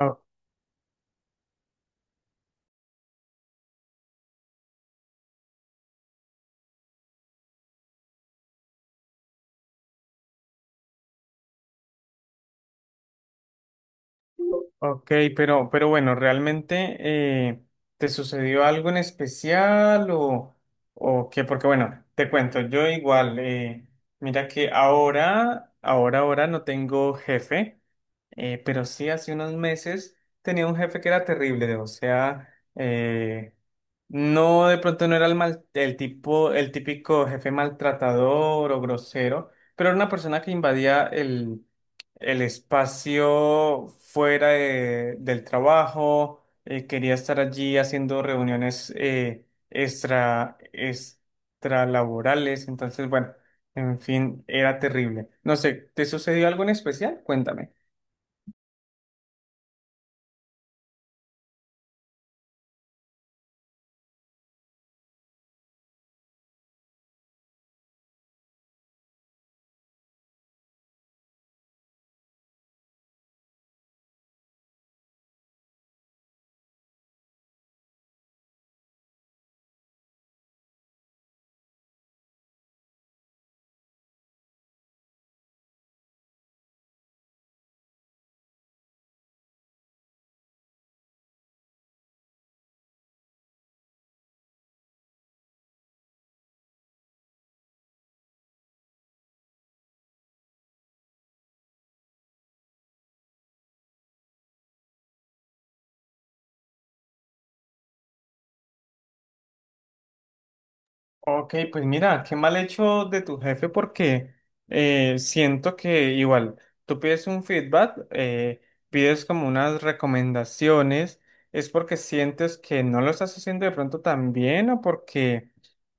O- Ok, pero, bueno, ¿realmente te sucedió algo en especial o qué? Porque bueno, te cuento, yo igual, mira que ahora no tengo jefe, pero sí hace unos meses tenía un jefe que era terrible, o sea, eh, no, de pronto no era el, mal, el tipo, el típico jefe maltratador o grosero, pero era una persona que invadía el espacio fuera del trabajo, quería estar allí haciendo reuniones extralaborales, entonces, bueno, en fin, era terrible. No sé, ¿te sucedió algo en especial? Cuéntame. Ok, pues mira, qué mal hecho de tu jefe porque siento que igual tú pides un feedback, pides como unas recomendaciones, es porque sientes que no lo estás haciendo de pronto tan bien o porque,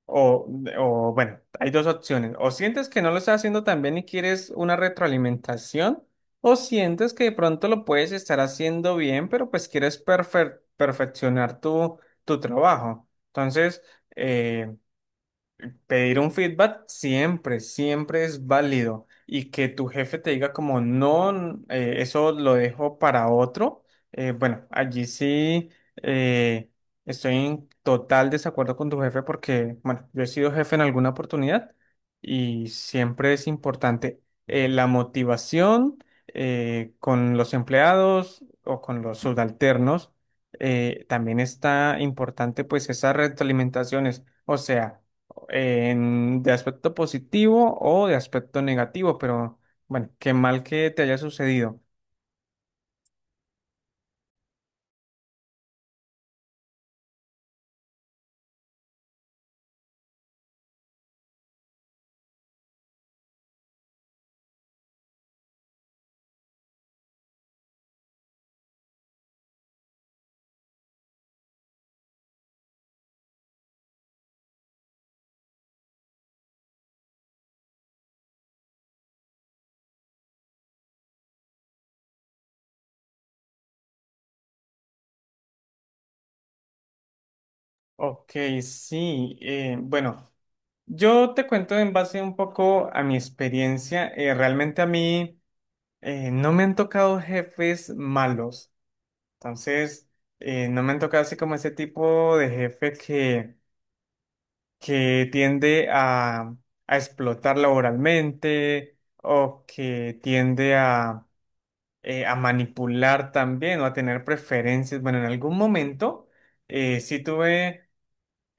o, o bueno, hay dos opciones, o sientes que no lo estás haciendo tan bien y quieres una retroalimentación, o sientes que de pronto lo puedes estar haciendo bien, pero pues quieres perfeccionar tu trabajo. Entonces... eh, pedir un feedback siempre, siempre es válido. Y que tu jefe te diga como, no, eso lo dejo para otro. Bueno, allí sí eh, estoy en total desacuerdo con tu jefe porque, bueno, yo he sido jefe en alguna oportunidad y siempre es importante la motivación con los empleados o con los subalternos. También está importante pues esas retroalimentaciones. O sea, de aspecto positivo o de aspecto negativo, pero bueno, qué mal que te haya sucedido. Ok, sí, bueno, yo te cuento en base un poco a mi experiencia. Realmente a mí no me han tocado jefes malos, entonces no me han tocado así como ese tipo de jefe que tiende a explotar laboralmente o que tiende a manipular también o a tener preferencias. Bueno, en algún momento sí tuve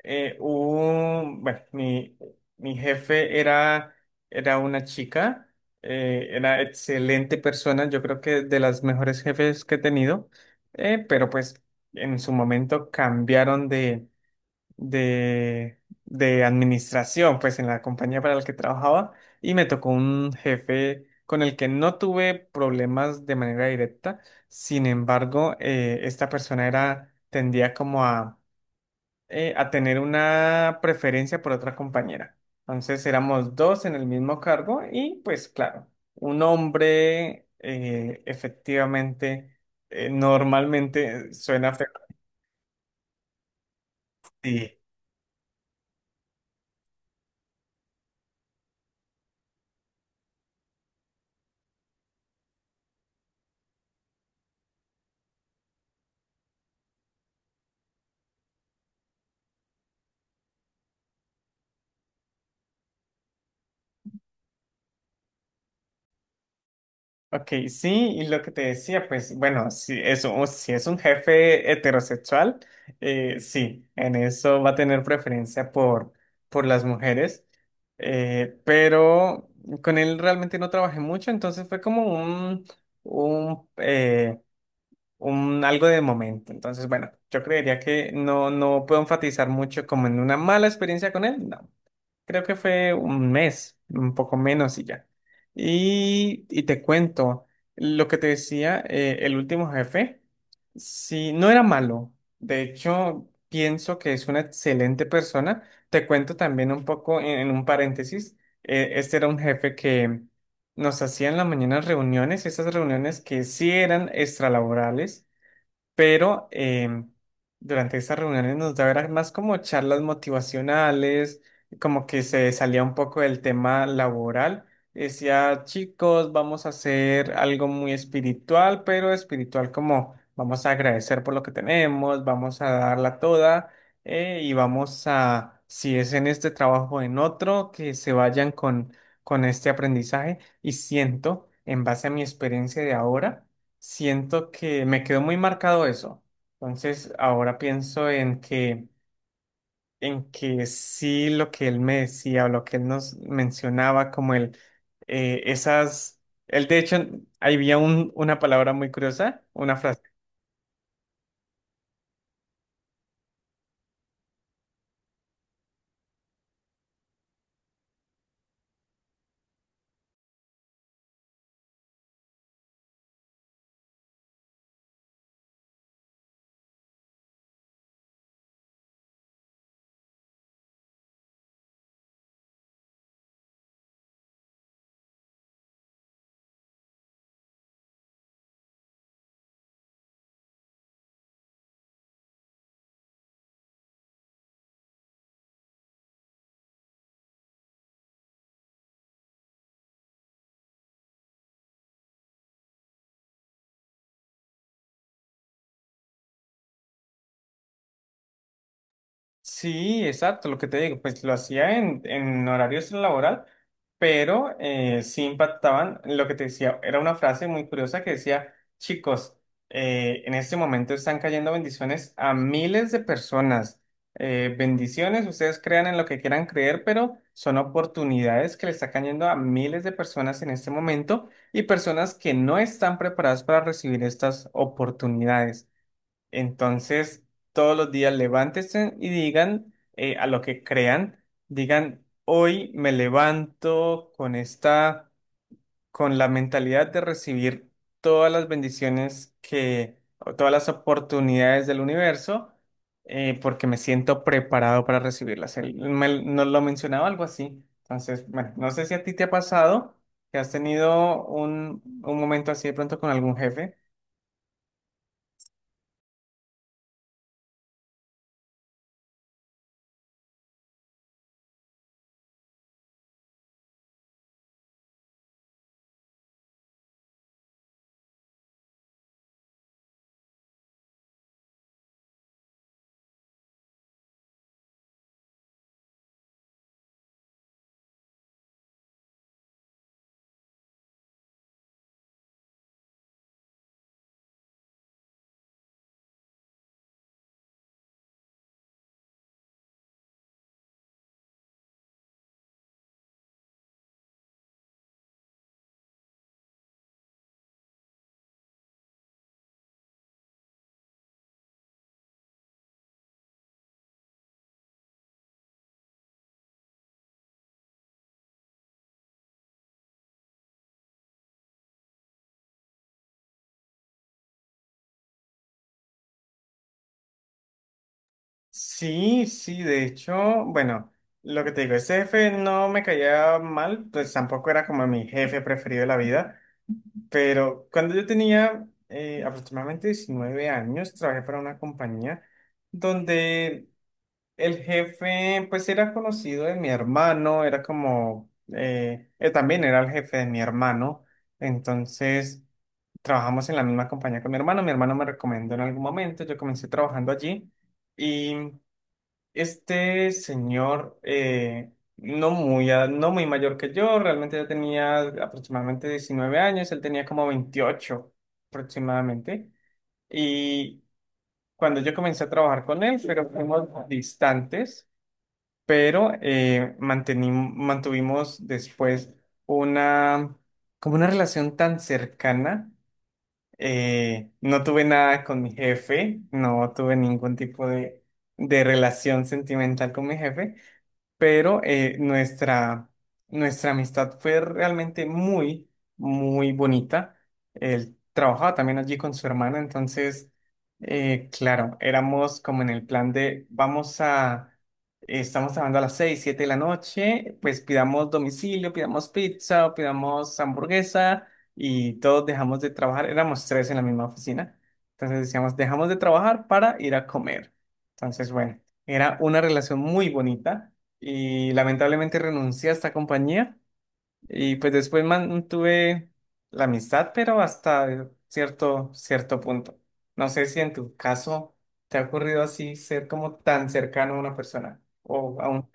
un, bueno, mi jefe era, era una chica, era excelente persona, yo creo que de las mejores jefes que he tenido, pero pues en su momento cambiaron de, de administración, pues en la compañía para la que trabajaba, y me tocó un jefe con el que no tuve problemas de manera directa, sin embargo, esta persona era, tendía como a tener una preferencia por otra compañera. Entonces éramos dos en el mismo cargo y pues claro, un hombre efectivamente, normalmente suena feo. Sí, ok, sí, y lo que te decía, pues bueno, si es, si es un jefe heterosexual, sí, en eso va a tener preferencia por las mujeres, pero con él realmente no trabajé mucho, entonces fue como un, un, eh, un algo de momento. Entonces, bueno, yo creería que no, no puedo enfatizar mucho como en una mala experiencia con él, no. Creo que fue un mes, un poco menos y ya. Y te cuento, lo que te decía, el último jefe, sí, no era malo. De hecho, pienso que es una excelente persona. Te cuento también un poco en un paréntesis. Este era un jefe que nos hacía en la mañana reuniones, esas reuniones que sí eran extralaborales pero durante estas reuniones nos daba era más como charlas motivacionales, como que se salía un poco del tema laboral. Decía, chicos, vamos a hacer algo muy espiritual, pero espiritual como vamos a agradecer por lo que tenemos, vamos a darla toda y vamos a, si es en este trabajo o en otro, que se vayan con este aprendizaje. Y siento, en base a mi experiencia de ahora, siento que me quedó muy marcado eso. Entonces, ahora pienso en que sí lo que él me decía o lo que él nos mencionaba, como el, esas, él de hecho, ahí había una palabra muy curiosa, una frase. Sí, exacto, lo que te digo, pues lo hacía en horario laboral, pero sí impactaban, lo que te decía, era una frase muy curiosa que decía, chicos, en este momento están cayendo bendiciones a miles de personas. Bendiciones, ustedes crean en lo que quieran creer, pero son oportunidades que le están cayendo a miles de personas en este momento y personas que no están preparadas para recibir estas oportunidades. Entonces, todos los días levántense y digan a lo que crean, digan, hoy me levanto con esta, con la mentalidad de recibir todas las bendiciones que, o todas las oportunidades del universo, porque me siento preparado para recibirlas. Nos lo mencionaba algo así. Entonces, bueno, no sé si a ti te ha pasado que has tenido un momento así de pronto con algún jefe. Sí, sí, de hecho, bueno, lo que te digo, ese jefe no me caía mal, pues tampoco era como mi jefe preferido de la vida, pero cuando yo tenía aproximadamente 19 años, trabajé para una compañía donde el jefe, pues era conocido de mi hermano, era como, él también era el jefe de mi hermano, entonces trabajamos en la misma compañía con mi hermano me recomendó en algún momento, yo comencé trabajando allí. Y este señor, no muy, no muy mayor que yo, realmente ya tenía aproximadamente 19 años, él tenía como 28 aproximadamente. Y cuando yo comencé a trabajar con él, pero fuimos distantes, pero mantuvimos después una, como una relación tan cercana. No tuve nada con mi jefe, no tuve ningún tipo de relación sentimental con mi jefe pero nuestra amistad fue realmente muy, muy bonita. Él trabajaba también allí con su hermana, entonces, claro, éramos como en el plan de vamos a, estamos trabajando a las 6 7 de la noche, pues pidamos domicilio, pidamos pizza, o pidamos hamburguesa y todos dejamos de trabajar, éramos tres en la misma oficina, entonces decíamos, dejamos de trabajar para ir a comer. Entonces, bueno, era una relación muy bonita y lamentablemente renuncié a esta compañía y pues después mantuve la amistad, pero hasta cierto, cierto punto. No sé si en tu caso te ha ocurrido así ser como tan cercano a una persona o a un...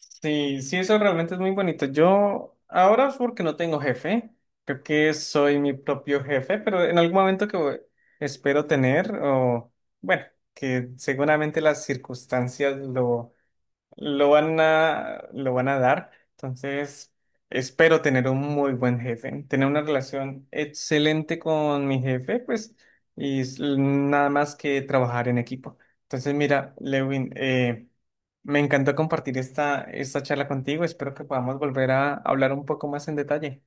Sí, sí, eso realmente es muy bonito. Yo ahora es porque no tengo jefe, creo que soy mi propio jefe, pero en algún momento que espero tener o bueno, que seguramente las circunstancias lo van a dar. Entonces, espero tener un muy buen jefe, tener una relación excelente con mi jefe, pues, y nada más que trabajar en equipo. Entonces, mira, Lewin, me encantó compartir esta, esta charla contigo. Espero que podamos volver a hablar un poco más en detalle.